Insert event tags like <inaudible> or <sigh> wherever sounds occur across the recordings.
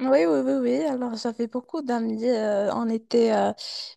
Oui, oui, oui, oui. Alors, j'avais beaucoup d'amis. On était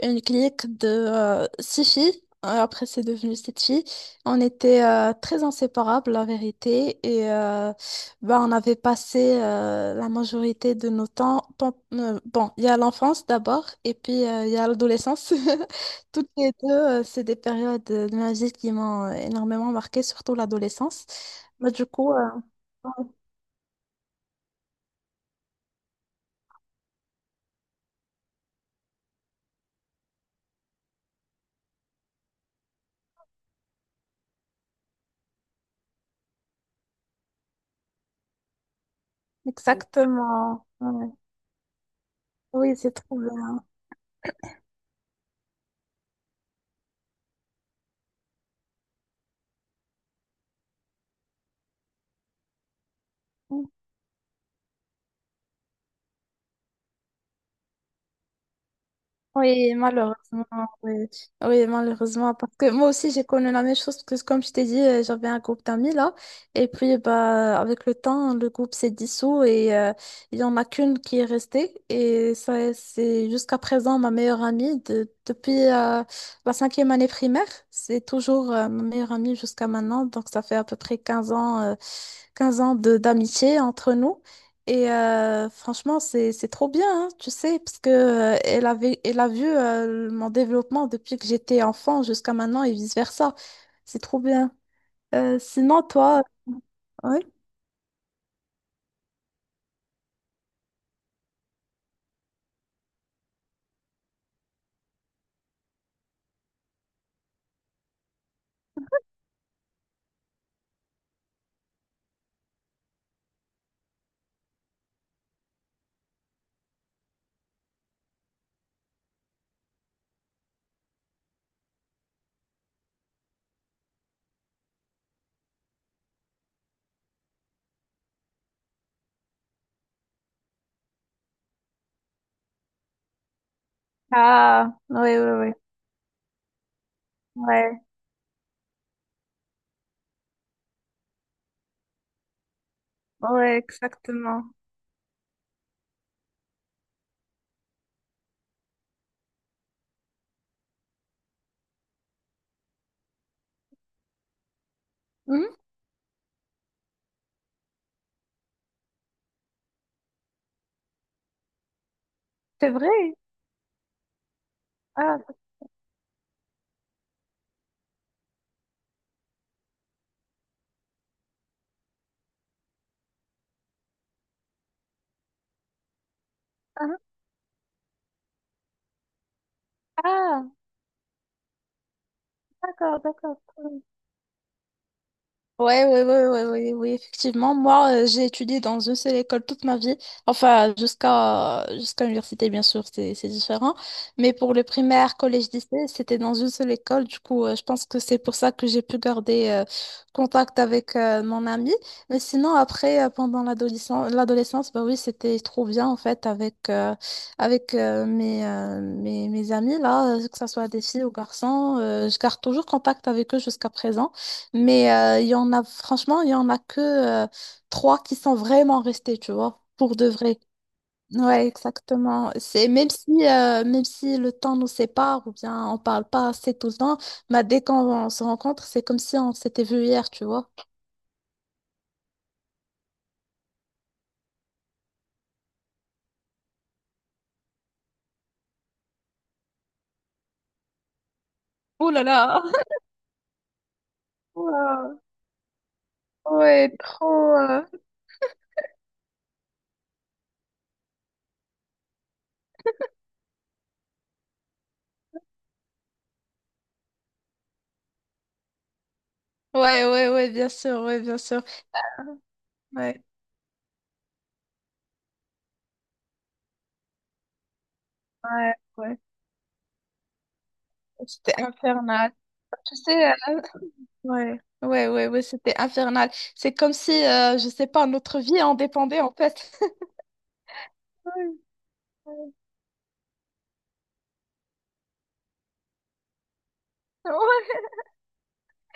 une clique de six filles. Après, c'est devenu sept filles. On était très inséparables, la vérité. Et bah, on avait passé la majorité de nos temps. Bon, il y a l'enfance d'abord, et puis il y a l'adolescence. <laughs> Toutes les deux, c'est des périodes de ma vie qui m'ont énormément marquée, surtout l'adolescence. Bah, du coup, ouais, exactement. Ouais. Oui, c'est trop bien. Oui, malheureusement, oui. Oui, malheureusement, parce que moi aussi, j'ai connu la même chose, parce que comme je t'ai dit, j'avais un groupe d'amis là, et puis bah, avec le temps, le groupe s'est dissous et il y en a qu'une qui est restée, et ça, c'est jusqu'à présent ma meilleure amie depuis la cinquième année primaire, c'est toujours ma meilleure amie jusqu'à maintenant, donc ça fait à peu près 15 ans, 15 ans de d'amitié entre nous. Et franchement, c'est trop bien, hein, tu sais, parce que elle a vu mon développement depuis que j'étais enfant jusqu'à maintenant et vice-versa. C'est trop bien. Sinon, toi, oui. Ah, oui, oui, oui. Ouais, ouais, exactement. Mhm, c'est vrai. Ah, ah, ah, d'accord, d'accord. Ouais, ouais, ouais, ouais, ouais, oui, effectivement. Moi, j'ai étudié dans une seule école toute ma vie. Enfin, jusqu'à l'université, bien sûr, c'est différent. Mais pour le primaire, collège, lycée, c'était dans une seule école. Du coup, je pense que c'est pour ça que j'ai pu garder contact avec mon ami. Mais sinon, après, pendant l'adolescence, l'adolescence, bah oui, c'était trop bien en fait avec mes amis là, que ce soit des filles ou garçons. Je garde toujours contact avec eux jusqu'à présent. Mais il y en a, franchement, il y en a que trois qui sont vraiment restés, tu vois, pour de vrai. Ouais, exactement. C'est même si le temps nous sépare ou bien on parle pas assez tout le temps, bah, dès qu'on se rencontre, c'est comme si on s'était vu hier, tu vois. Oh là là! <laughs> Wow. Ouais, trop. Ouais, ouais, ouais, bien sûr, ouais, bien sûr. Ouais, ouais, ouais. C'était infernal. Tu sais, ouais, ouais, ouais, ouais, c'était infernal. C'est comme si, je sais pas, notre vie en dépendait en fait. <laughs> Ouais. Ouais,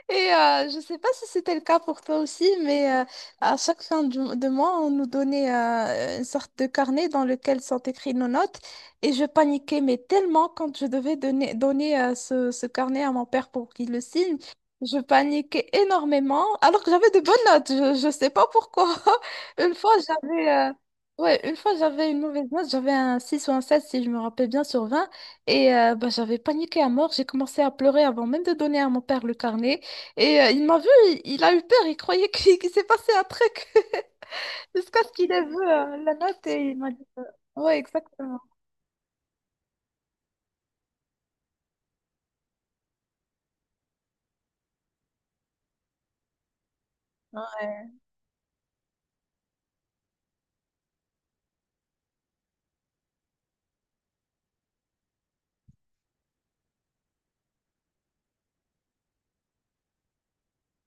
et je ne sais pas si c'était le cas pour toi aussi, mais à chaque fin de mois, on nous donnait une sorte de carnet dans lequel sont écrites nos notes. Et je paniquais, mais tellement quand je devais donner, ce carnet à mon père pour qu'il le signe, je paniquais énormément, alors que j'avais de bonnes notes. Je ne sais pas pourquoi. <laughs> Une fois, j'avais... euh, Ouais, une fois j'avais une mauvaise note, j'avais un 6 ou un 7 si je me rappelle bien sur 20 et bah, j'avais paniqué à mort, j'ai commencé à pleurer avant même de donner à mon père le carnet. Et il m'a vu, il a eu peur, il croyait qu'il <laughs> qu'il s'est passé un truc <laughs> jusqu'à ce qu'il ait vu la note et il m'a dit. Ouais, exactement. Ouais,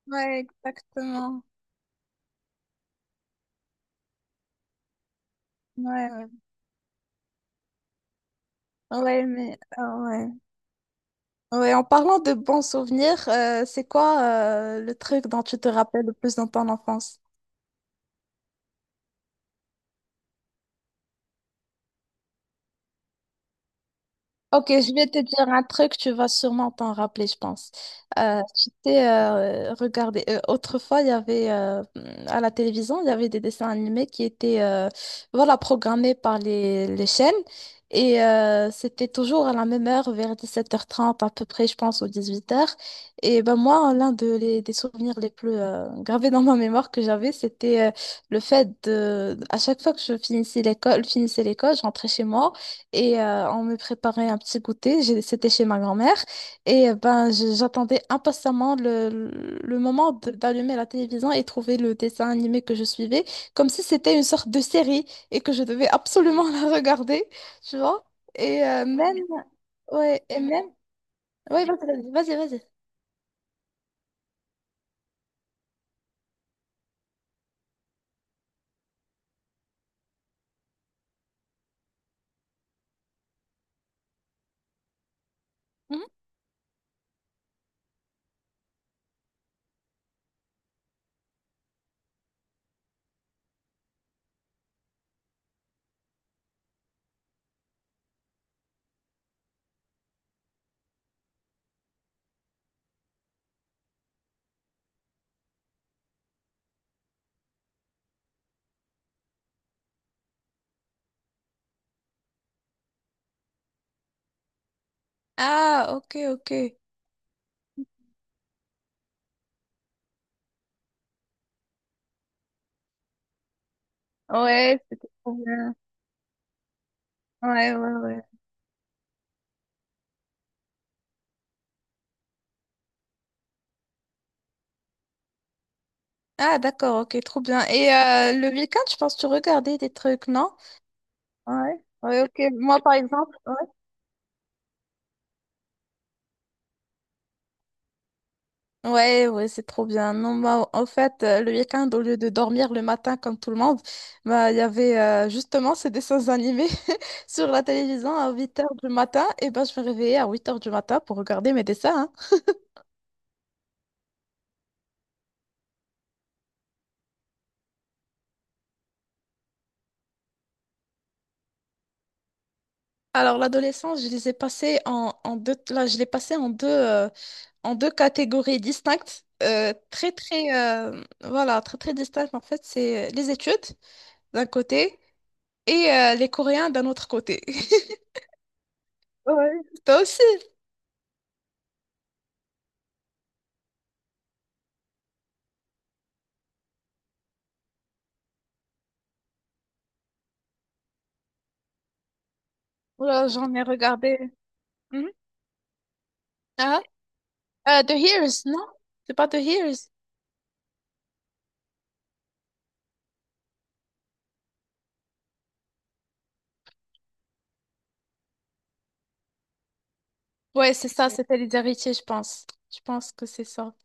Ouais, exactement. Ouais, ouais, ouais, mais ouais. Ouais, en parlant de bons souvenirs, c'est quoi le truc dont tu te rappelles le plus dans ton enfance? Ok, je vais te dire un truc, tu vas sûrement t'en rappeler, je pense. Tu t'es regardé. Autrefois, il y avait à la télévision, il y avait des dessins animés qui étaient voilà, programmés par les chaînes. Et c'était toujours à la même heure, vers 17h30 à peu près, je pense, ou 18h. Et ben moi, l'un des souvenirs les plus gravés dans ma mémoire que j'avais, c'était le fait de, à chaque fois que je finissais l'école, je rentrais chez moi. Et on me préparait un petit goûter, c'était chez ma grand-mère. Et ben, j'attendais impatiemment le moment d'allumer la télévision et trouver le dessin animé que je suivais, comme si c'était une sorte de série et que je devais absolument <laughs> la regarder, tu vois. Et même, ouais, et même, ouais, vas-y, vas-y, vas-y. Mhm. Ah, ok, ok. Ouais, c'était trop bien. Ouais, ouais, ouais. Ah, d'accord, ok, trop bien. Et le week-end, je pense que tu regardais des trucs, non? Ouais, ouais, ok. Moi, par exemple, ouais, ouais, ouais, c'est trop bien. Non, moi, en fait, le week-end, au lieu de dormir le matin comme tout le monde, bah, il y avait justement ces dessins animés <laughs> sur la télévision à 8 heures du matin. Et ben, je me réveillais à 8 heures du matin pour regarder mes dessins, hein. Alors, l'adolescence, je les ai passés en, deux, là, je l'ai passé en deux catégories distinctes. Très, très, voilà, très, très distinctes. En fait, c'est les études d'un côté et les Coréens d'un autre côté. <laughs> Ouais. Ouais. Toi aussi. Ouais, j'en ai regardé. Mhm. Hein? The Hears, non? C'est pas The Hears. Ouais, c'est ça, c'était Les Héritiers, je pense. Je pense que c'est ça.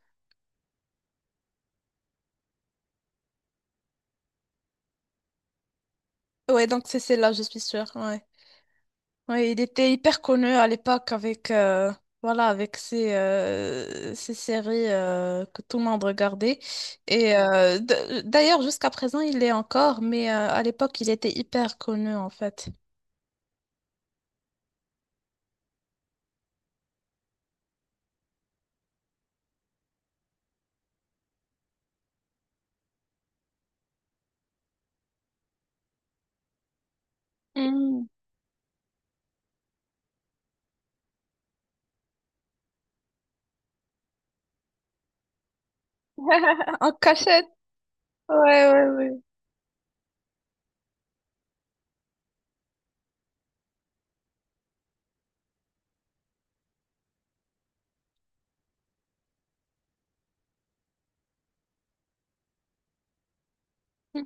Ouais, donc c'est celle-là, je suis sûre. Ouais. Ouais, il était hyper connu à l'époque avec, voilà, avec ses séries que tout le monde regardait. Et d'ailleurs, jusqu'à présent, il l'est encore, mais à l'époque, il était hyper connu en fait. Mm. En cachette. Ouais, ouais, ouais.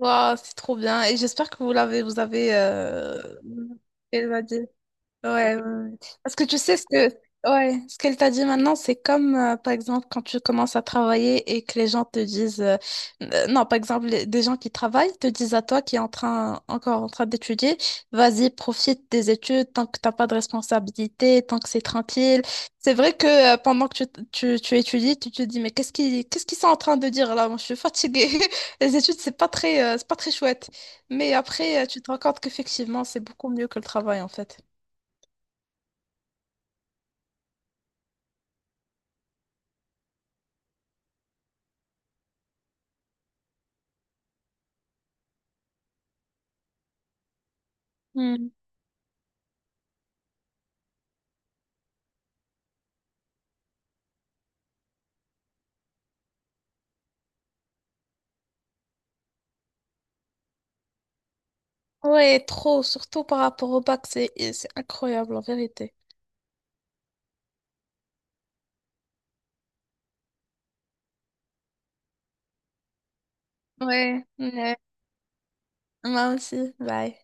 Waouh, c'est trop bien. Et j'espère que vous avez évadé. Ouais, ouais, ouais. Parce que tu sais ce que ouais, ce qu'elle t'a dit maintenant, c'est comme par exemple quand tu commences à travailler et que les gens te disent non, par exemple des gens qui travaillent te disent à toi qui est en train encore en train d'étudier, vas-y, profite des études tant que t'as pas de responsabilité, tant que c'est tranquille. C'est vrai que pendant que tu étudies, tu te dis mais qu'est-ce qu'ils sont en train de dire là? Moi, je suis fatiguée. <laughs> Les études, c'est pas très chouette. Mais après, tu te rends compte qu'effectivement, c'est beaucoup mieux que le travail en fait. Hmm. Ouais, trop, surtout par rapport au bac, c'est incroyable en vérité. Ouais, ouais. Moi aussi, bye.